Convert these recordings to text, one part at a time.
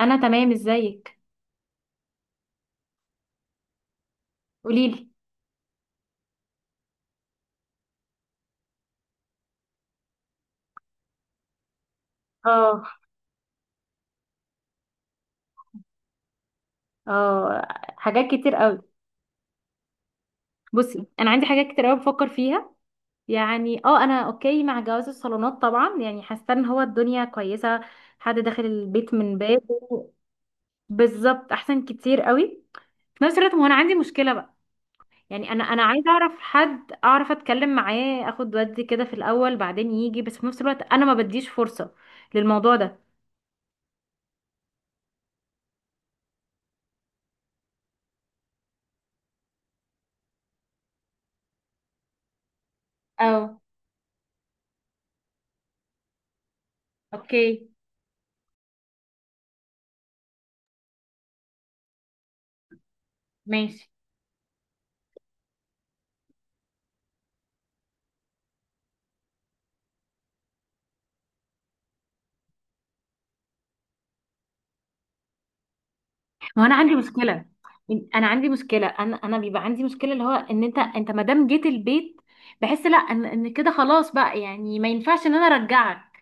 انا تمام، ازيك؟ قوليلي. اه. اه. حاجات كتير قوي. بصي، انا عندي حاجات كتير قوي بفكر فيها. يعني انا اوكي مع جواز الصالونات طبعا، يعني حاسه ان هو الدنيا كويسه. حد داخل البيت من بابه. بالظبط، احسن كتير قوي. في نفس الوقت، ما هو انا عندي مشكله بقى. يعني انا عايزه اعرف حد، اعرف اتكلم معاه، اخد ودي كده في الاول بعدين يجي، بس في نفس الوقت انا ما بديش فرصه للموضوع ده. اه. اوكي، ماشي. هو انا عندي مشكله، انا عندي مشكله، انا بيبقى عندي مشكله اللي هو ان انت ما دام جيت البيت، بحس لا، ان كده خلاص بقى، يعني ما ينفعش ان انا ارجعك.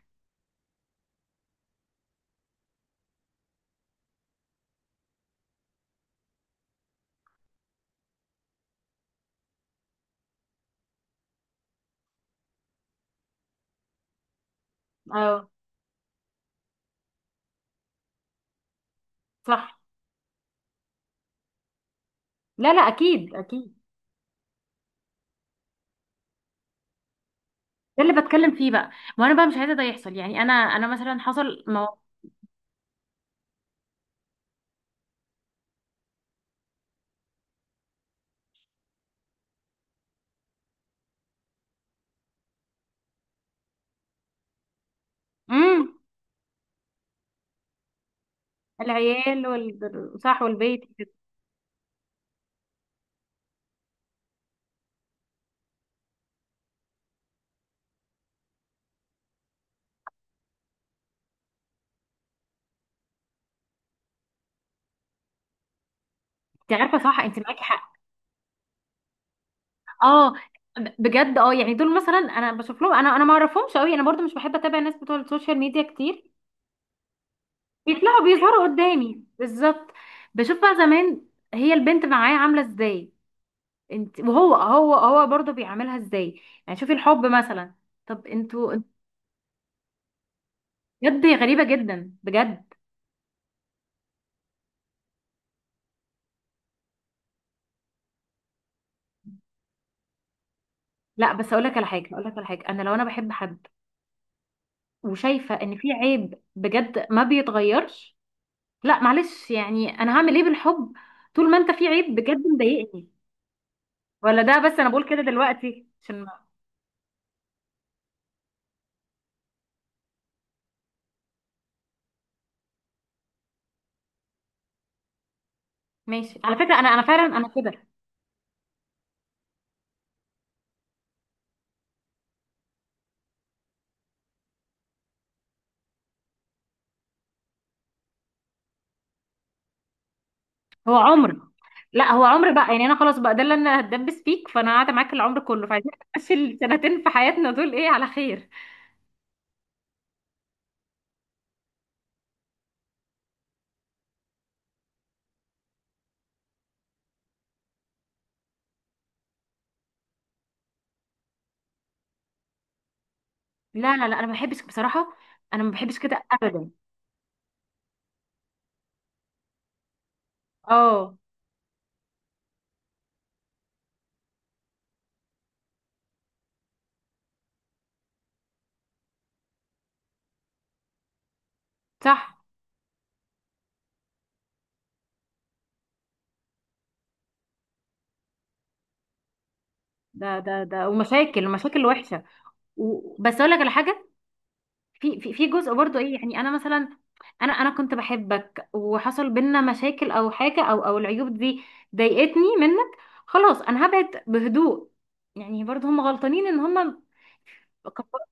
اه. صح. لا لا، اكيد اكيد. ده اللي بتكلم فيه بقى. ما انا بقى مش عايزه ده يحصل، يعني انا مثلا حصل ما. امم. العيال صح، والبيت. انت عارفه، صح، انت معاكي حق. اه، بجد، يعني دول مثلا انا بشوف لهم، انا ما اعرفهمش قوي، انا برضو مش بحب اتابع الناس بتوع السوشيال ميديا كتير. بيطلعوا بيظهروا قدامي بالظبط. بشوف بقى زمان هي البنت معاه عامله ازاي، انت، وهو هو برضه بيعاملها ازاي. يعني شوفي الحب مثلا. طب انتوا بجد غريبه جدا بجد. لا، بس اقول لك على حاجه، اقول لك على حاجه، انا لو انا بحب حد وشايفه ان في عيب بجد ما بيتغيرش، لا معلش، يعني انا هعمل ايه بالحب طول ما انت في عيب بجد مضايقني. ولا ده، بس انا بقول كده دلوقتي عشان ماشي. على فكره انا فعلا انا كده. هو عمر، لا، هو عمر بقى، يعني انا خلاص بقى ده اللي انا هتدبس فيك، فانا قاعده معاك العمر كله، فعايزين نمشي السنتين في حياتنا دول ايه على خير. لا لا لا، انا ما بحبش بصراحه، انا ما بحبش كده ابدا. اه. صح. ده ومشاكل، ومشاكل وحشه. بس اقول لك على حاجه. في جزء برضو ايه، يعني انا مثلا، انا كنت بحبك، وحصل بينا مشاكل او حاجه، او العيوب دي ضايقتني منك، خلاص انا هبعد بهدوء. يعني برضو هم غلطانين ان هم كبروا.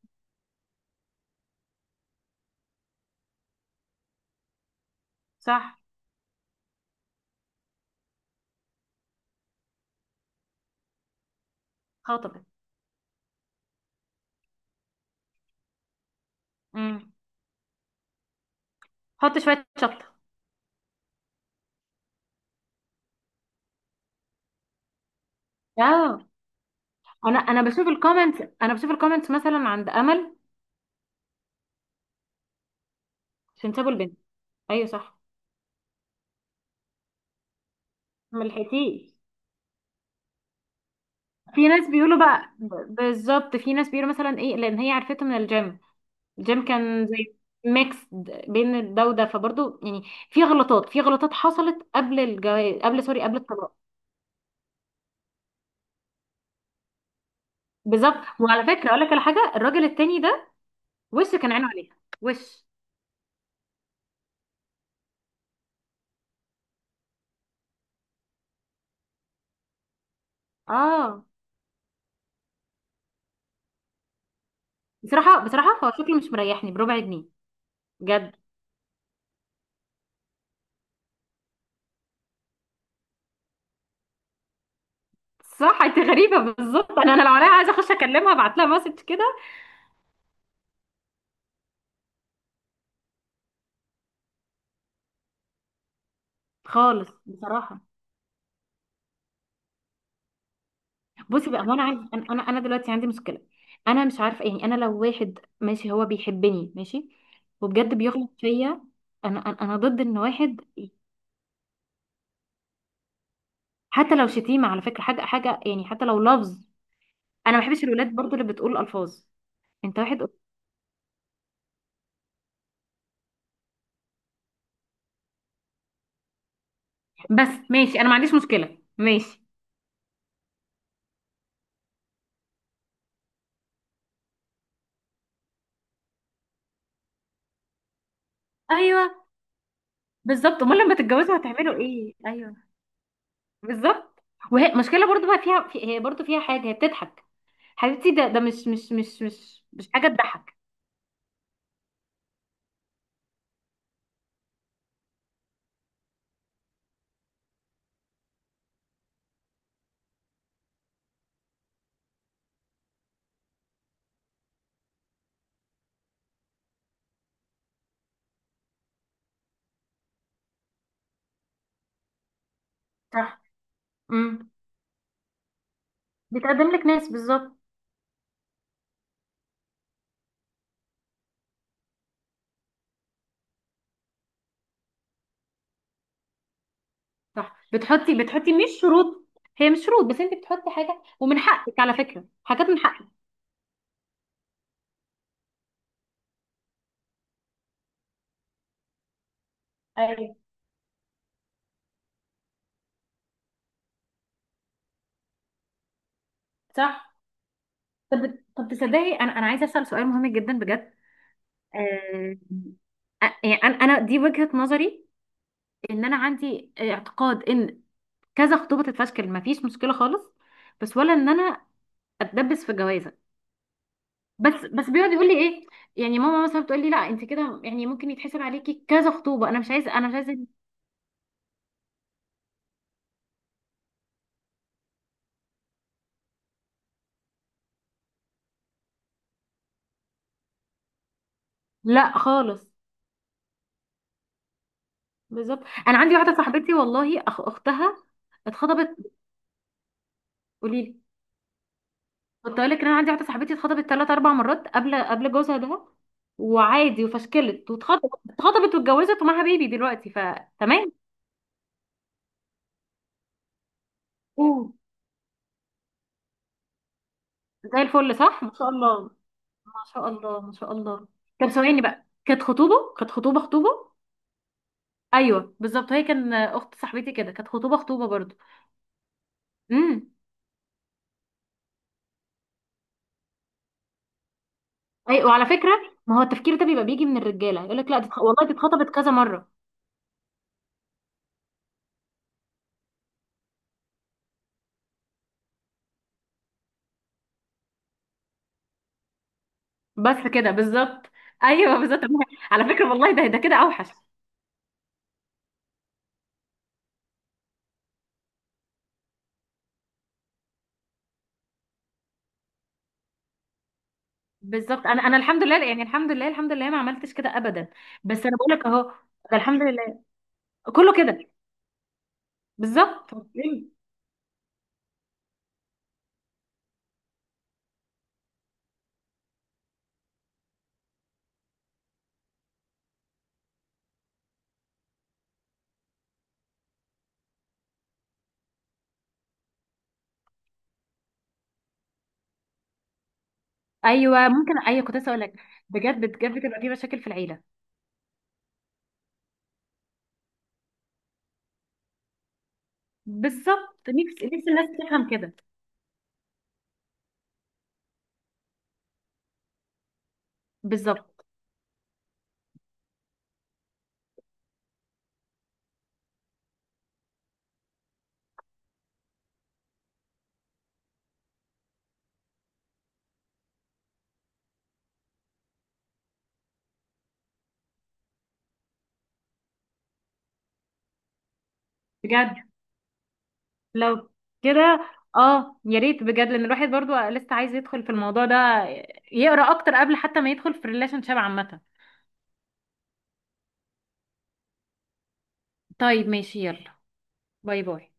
صح. اه، طبعا. امم. حط شويه شطه. اه، انا بشوف الكومنتس، انا بشوف الكومنتس مثلا عند امل، عشان سابوا البنت. ايوه، صح. ما لحقتيش. في ناس بيقولوا بقى، بالظبط، في ناس بيقولوا مثلا ايه لان هي عرفته من الجيم. الجيم كان زي ميكس بين ده وده، فبرضه يعني في غلطات، في غلطات حصلت قبل الجواز، قبل الطلاق. بالظبط. وعلى فكره، اقول لك على حاجه، الراجل التاني ده وشه كان عينه عليها، وش اه. بصراحه هو شكله مش مريحني بربع جنيه. بجد. صح، انت غريبه، بالظبط. انا، لو عليا عايزه اخش اكلمها، ابعت لها مسج كده. خالص بصراحه. بصي بقى، هو انا عندي انا انا أنا دلوقتي عندي مشكله. انا مش عارفه، يعني انا لو واحد ماشي هو بيحبني ماشي، وبجد بيغلط فيا، انا انا أنا ضد ان واحد حتى لو شتيمه، على فكره حاجه حاجه، يعني حتى لو لفظ. انا ما بحبش الولاد برضو اللي بتقول الفاظ. انت واحد، بس ماشي، انا ما عنديش مشكله ماشي. ايوه، بالظبط، امال لما تتجوزوا هتعملوا ايه؟ ايوه، بالظبط. وهي مشكله برضو بقى فيها، هي برضو فيها حاجه، هي بتضحك. حبيبتي، ده مش حاجه تضحك. صح. امم. بتقدم لك ناس، بالظبط. صح، بتحطي مش شروط. هي مش شروط، بس انت بتحطي حاجه، ومن حقك، على فكره، حاجات من حقك. ايوه، صح. طب تصدقي انا عايزه اسال سؤال مهم جدا بجد. آه، يعني أنا دي وجهه نظري، ان انا عندي اعتقاد ان كذا خطوبه تتفشكل ما فيش مشكله خالص، بس ولا ان انا اتدبس في جوازه. بس بيقعد يقول لي ايه، يعني ماما مثلا بتقول لي لا انت كده يعني ممكن يتحسب عليكي كذا خطوبه، انا مش عايزه، انا مش عايزه. لا خالص. بالظبط. انا عندي واحده صاحبتي والله، اختها اتخطبت. قولي لي. كنت اقول لك ان انا عندي واحده صاحبتي اتخطبت ثلاث اربع مرات قبل جوزها ده، وعادي، وفشكلت، واتخطبت، واتجوزت، ومعاها بيبي دلوقتي، فتمام. أوه. زي الفل، صح، ما شاء الله. ما شاء الله، ما شاء الله. طب ثواني بقى، كانت خطوبه، كانت خطوبه خطوبه. ايوه بالظبط، هي كان اخت صاحبتي كده كانت خطوبه خطوبه برضو. امم. ايوه، وعلى فكره، ما هو التفكير ده بيبقى بيجي من الرجاله، يقول لك لا دي، والله دي اتخطبت كذا مره. بس كده، بالظبط. ايوه بالظبط، طب ما- على فكره والله، ده كده اوحش. بالظبط، انا الحمد لله، يعني الحمد لله، الحمد لله ما عملتش كده ابدا. بس انا بقول لك اهو. ده الحمد لله. كله كده. بالظبط. ايوه ممكن، ايوه كنت لسه اقول لك، بجد بجد بتبقى في مشاكل في العيله. بالظبط. نفسي نفسي الناس تفهم كده. بالظبط. بجد. لو كده، اه، يا ريت بجد، لان الواحد برضو لسه عايز يدخل في الموضوع ده، يقرا اكتر قبل حتى ما يدخل في الريليشن شيب عامه. طيب ماشي، يلا. باي باي.